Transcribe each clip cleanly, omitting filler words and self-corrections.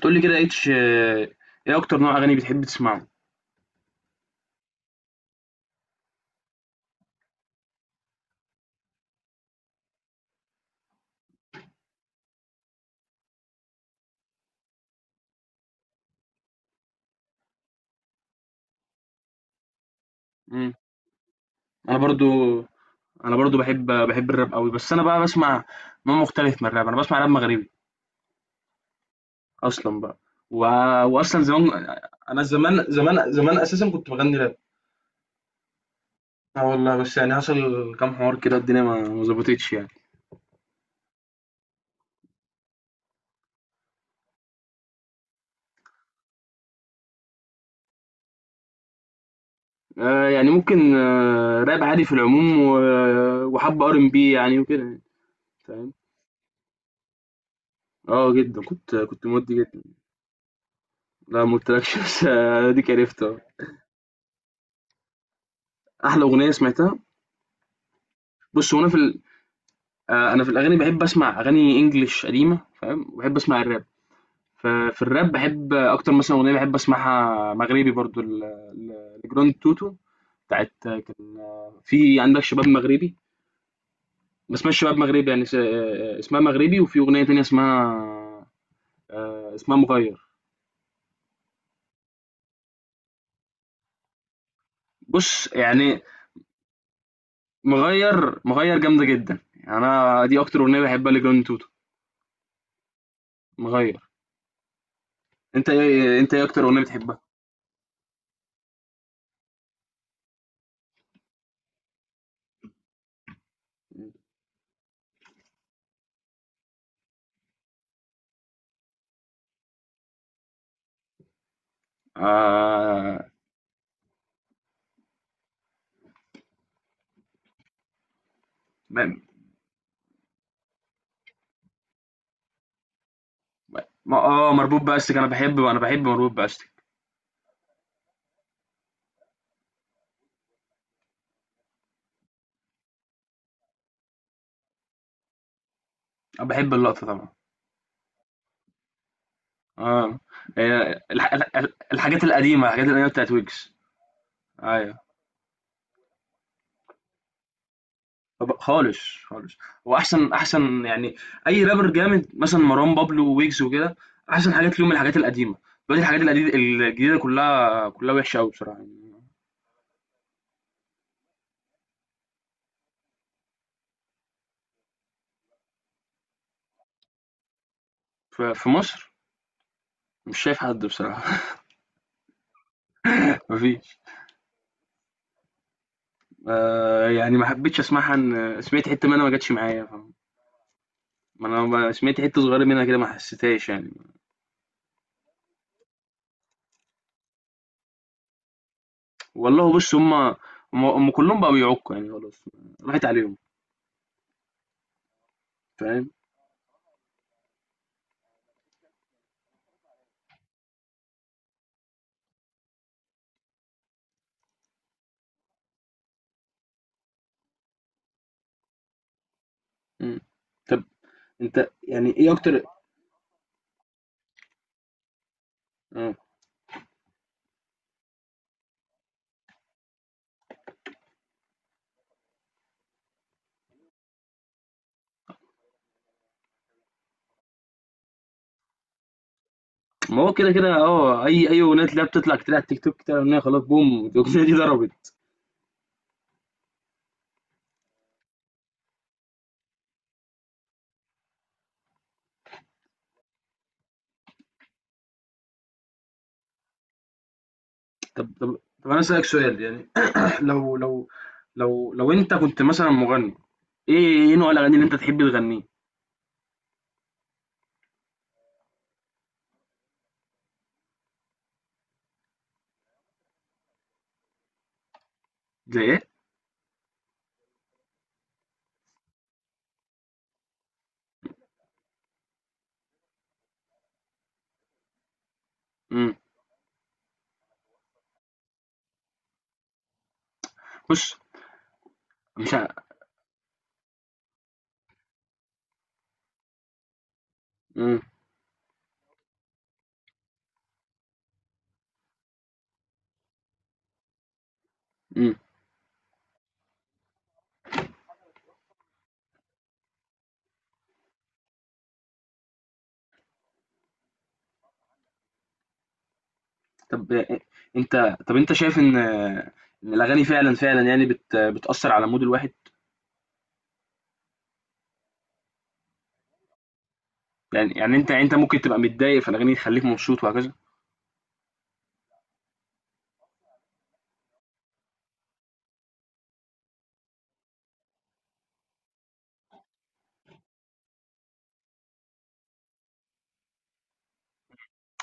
تقول لي كده اتش ايه اكتر نوع اغاني بتحب تسمعه؟ مم. انا برضو انا برضو بحب الراب قوي، بس انا بقى بسمع نوع مختلف من الراب. انا بسمع راب مغربي اصلا بقى. و... واصلا زمان. انا زمان زمان زمان اساسا كنت بغني راب. اه والله، بس يعني حصل كام حوار كده، الدنيا ما ظبطتش يعني. يعني ممكن راب عادي في العموم وحب ار ام بي يعني وكده يعني، فاهم. اه جدا، كنت مودي جدا. لا ما قلتلكش، بس دي عرفتها. احلى اغنيه سمعتها؟ بُص، هو أنا في ال أنا في الأغاني باحب أسمع أغاني English قديمة، فاهم، وباحب أسمع الراب. ف في الراب باحب أكتر مثلًا أغنية باحب أسمعها مغربي برضه ل ل لجراند توتو، بتاعة كان في عندك شباب مغربي. ما اسمهاش شباب مغربي، يعني س اسمها مغربي. وفي أغنية تانية اسمها اسمها مغيّر. بُص، يعني مغيّر، مغيّر جامدة جدًا، يعني أنا دي أكتر أغنية باحبها لجراند توتو، مغيّر. أنت إيه أكتر أغنية بتحبها؟ آآ ب ما اه مربوط بأستك، انا بحب مربوط بأستك. انا بحب اللقطة طبعا. اه. هي الح... الح... الح- الحاجات القديمة بتاعت ويجز. ايوه. طب خالص. خالص. واحسن احسن احسن يعني، اي رابر جامد مثلا مروان بابلو وويجز وكده، احسن حاجات ليهم الحاجات القديمة. دلوقتي الحاجات القديمة الجديدة كلها كلها وحشة قوي بصراحة يعني. في مصر مش شايف حد بصراحة. مفيش. يعني ما حبيتش اسمعها. ان سمعت حتة منها، ما جاتش معايا فاهم؟ ما انا سمعت حتة صغيرة منها كده، ما حسيتهاش يعني. والله بص، هما كلهم بقوا بيعكوا يعني خلاص. راحت عليهم. فاهم. مم. طب انت يعني ايه اكتر؟ اه ما هو كده كده، اه اي اغنيه تلاقيها بتطلع كتير على التيك توك كده، اغنيه خلاص، بوم الاغنيه دي ضربت. طب طب طب انا اسالك سؤال يعني. لو لو لو انت كنت مثلا مغني، ايه نوع الاغاني اللي انت تحب تغنيه؟ زي ايه؟ امم بص. مش ع- امم امم طب إيه، انت. طب انت شايف ان الاغاني فعلا فعلا يعني بتاثر على مود الواحد؟ يعني انت ممكن تبقى متضايق فالاغاني تخليك مبسوط وهكذا.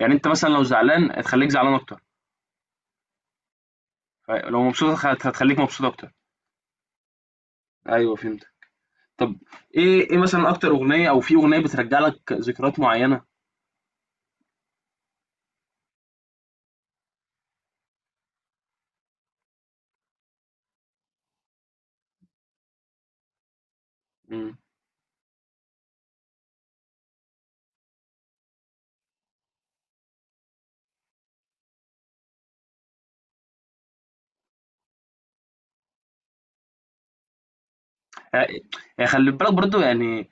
يعني انت مثلا لو زعلان هتخليك زعلان اكتر، لو مبسوط هتخليك مبسوط اكتر. ايوه فهمت. طب ايه مثلا اكتر اغنيه، او في اغنيه بترجع لك ذكريات معينه؟ امم يعني خلي بالك برضو يعني،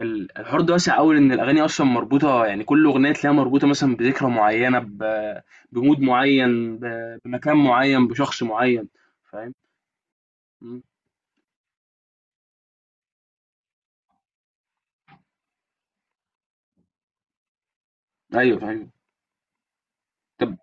الحوار ده واسع قوي. ان الاغاني اصلا مربوطه، يعني كل اغنيه تلاقيها مربوطه مثلا بذكرى معينه، بمود معين، بمكان معين، بشخص معين. فاهم. مم. ايوه ايوه. طب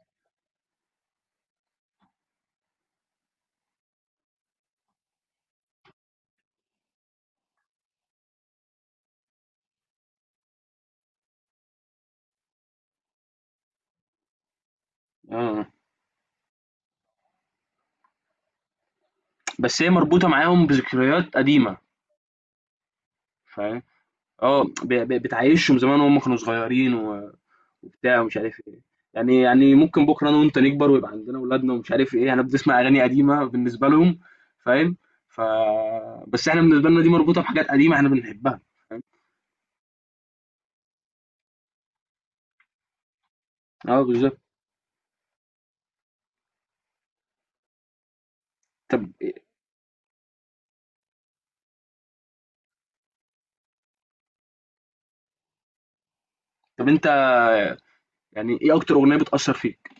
اه، بس هي مربوطه معاهم بذكريات قديمه فاهم. اه بتعيشهم زمان وهم كانوا صغيرين وبتاع ومش عارف ايه. يعني، يعني ممكن بكره انا وانت نكبر ويبقى عندنا اولادنا ومش عارف ايه، احنا بنسمع اغاني قديمه بالنسبه لهم فاهم. ف بس احنا بالنسبه لنا دي مربوطه بحاجات قديمه احنا بنحبها فاهم. اه بالظبط. طب، طب انت يعني، ايه اكتر اغنيه بتاثر فيك؟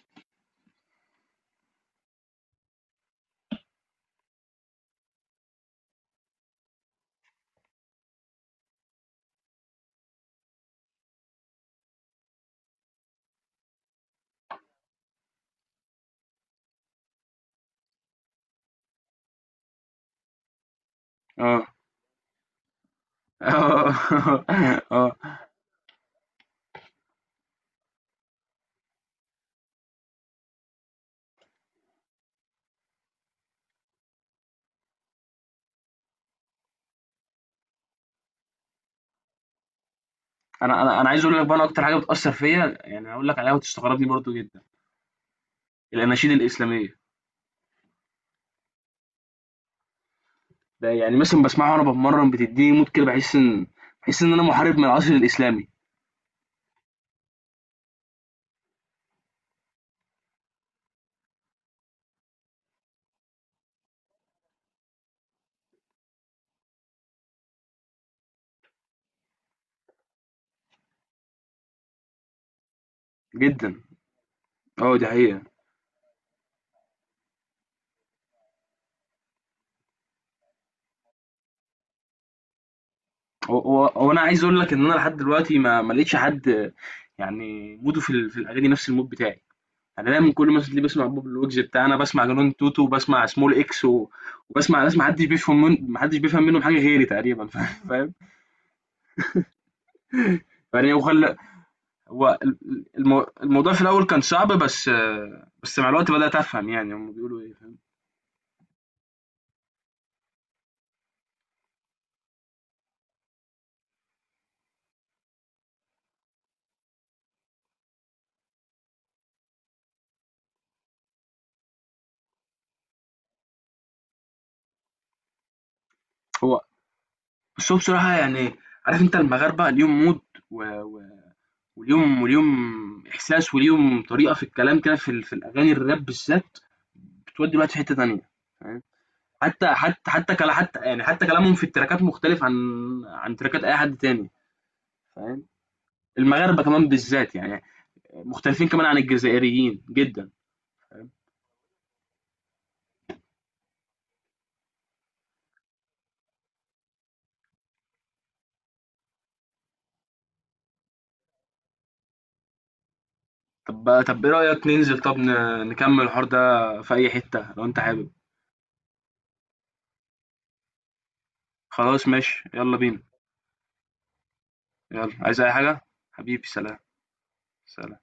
اه. اه. اه. انا عايز اقول لك بقى، انا اكتر حاجه بتاثر فيا يعني هقول لك عليها وتستغربني برضو جدا. الاناشيد الاسلاميه. ده يعني مثلا بسمعها وانا بتمرن، بتديني مود كده، بحس ان انا محارب من العصر الاسلامي. جدا. اه دي حقيقة. هو انا عايز اقول لك ان انا لحد دلوقتي ما لقيتش حد يعني موده في في الاغاني نفس المود بتاعي. يعني انا دايما كل ما اللي بسمع بوب الوجز بتاعنا، بسمع جنون توتو، وبسمع سمول اكس وبسمع ناس ما حدش بيفهم منهم حاجه غيري تقريبا. فاهم. يعني هو هو الموضوع في الاول كان صعب بس بس مع الوقت بدات افهم يعني هم بيقولوا ايه، فاهم. هو بس هو بصراحة يعني، عارف انت المغاربة ليهم مود و... و... وليهم احساس وليهم طريقة في الكلام كده في, في الاغاني الراب بالذات بتودي الوقت في حتة تانية. فاهم. حتى يعني حتى كلامهم في التراكات مختلف عن تراكات اي حد تاني. فاهم. المغاربة كمان بالذات يعني مختلفين كمان عن الجزائريين جدا. فاهم؟ طب طب ايه رأيك ننزل، طب نكمل الحوار ده في اي حتة لو انت حابب. خلاص ماشي يلا بينا. يلا، عايز اي حاجة؟ حبيبي، سلام. سلام.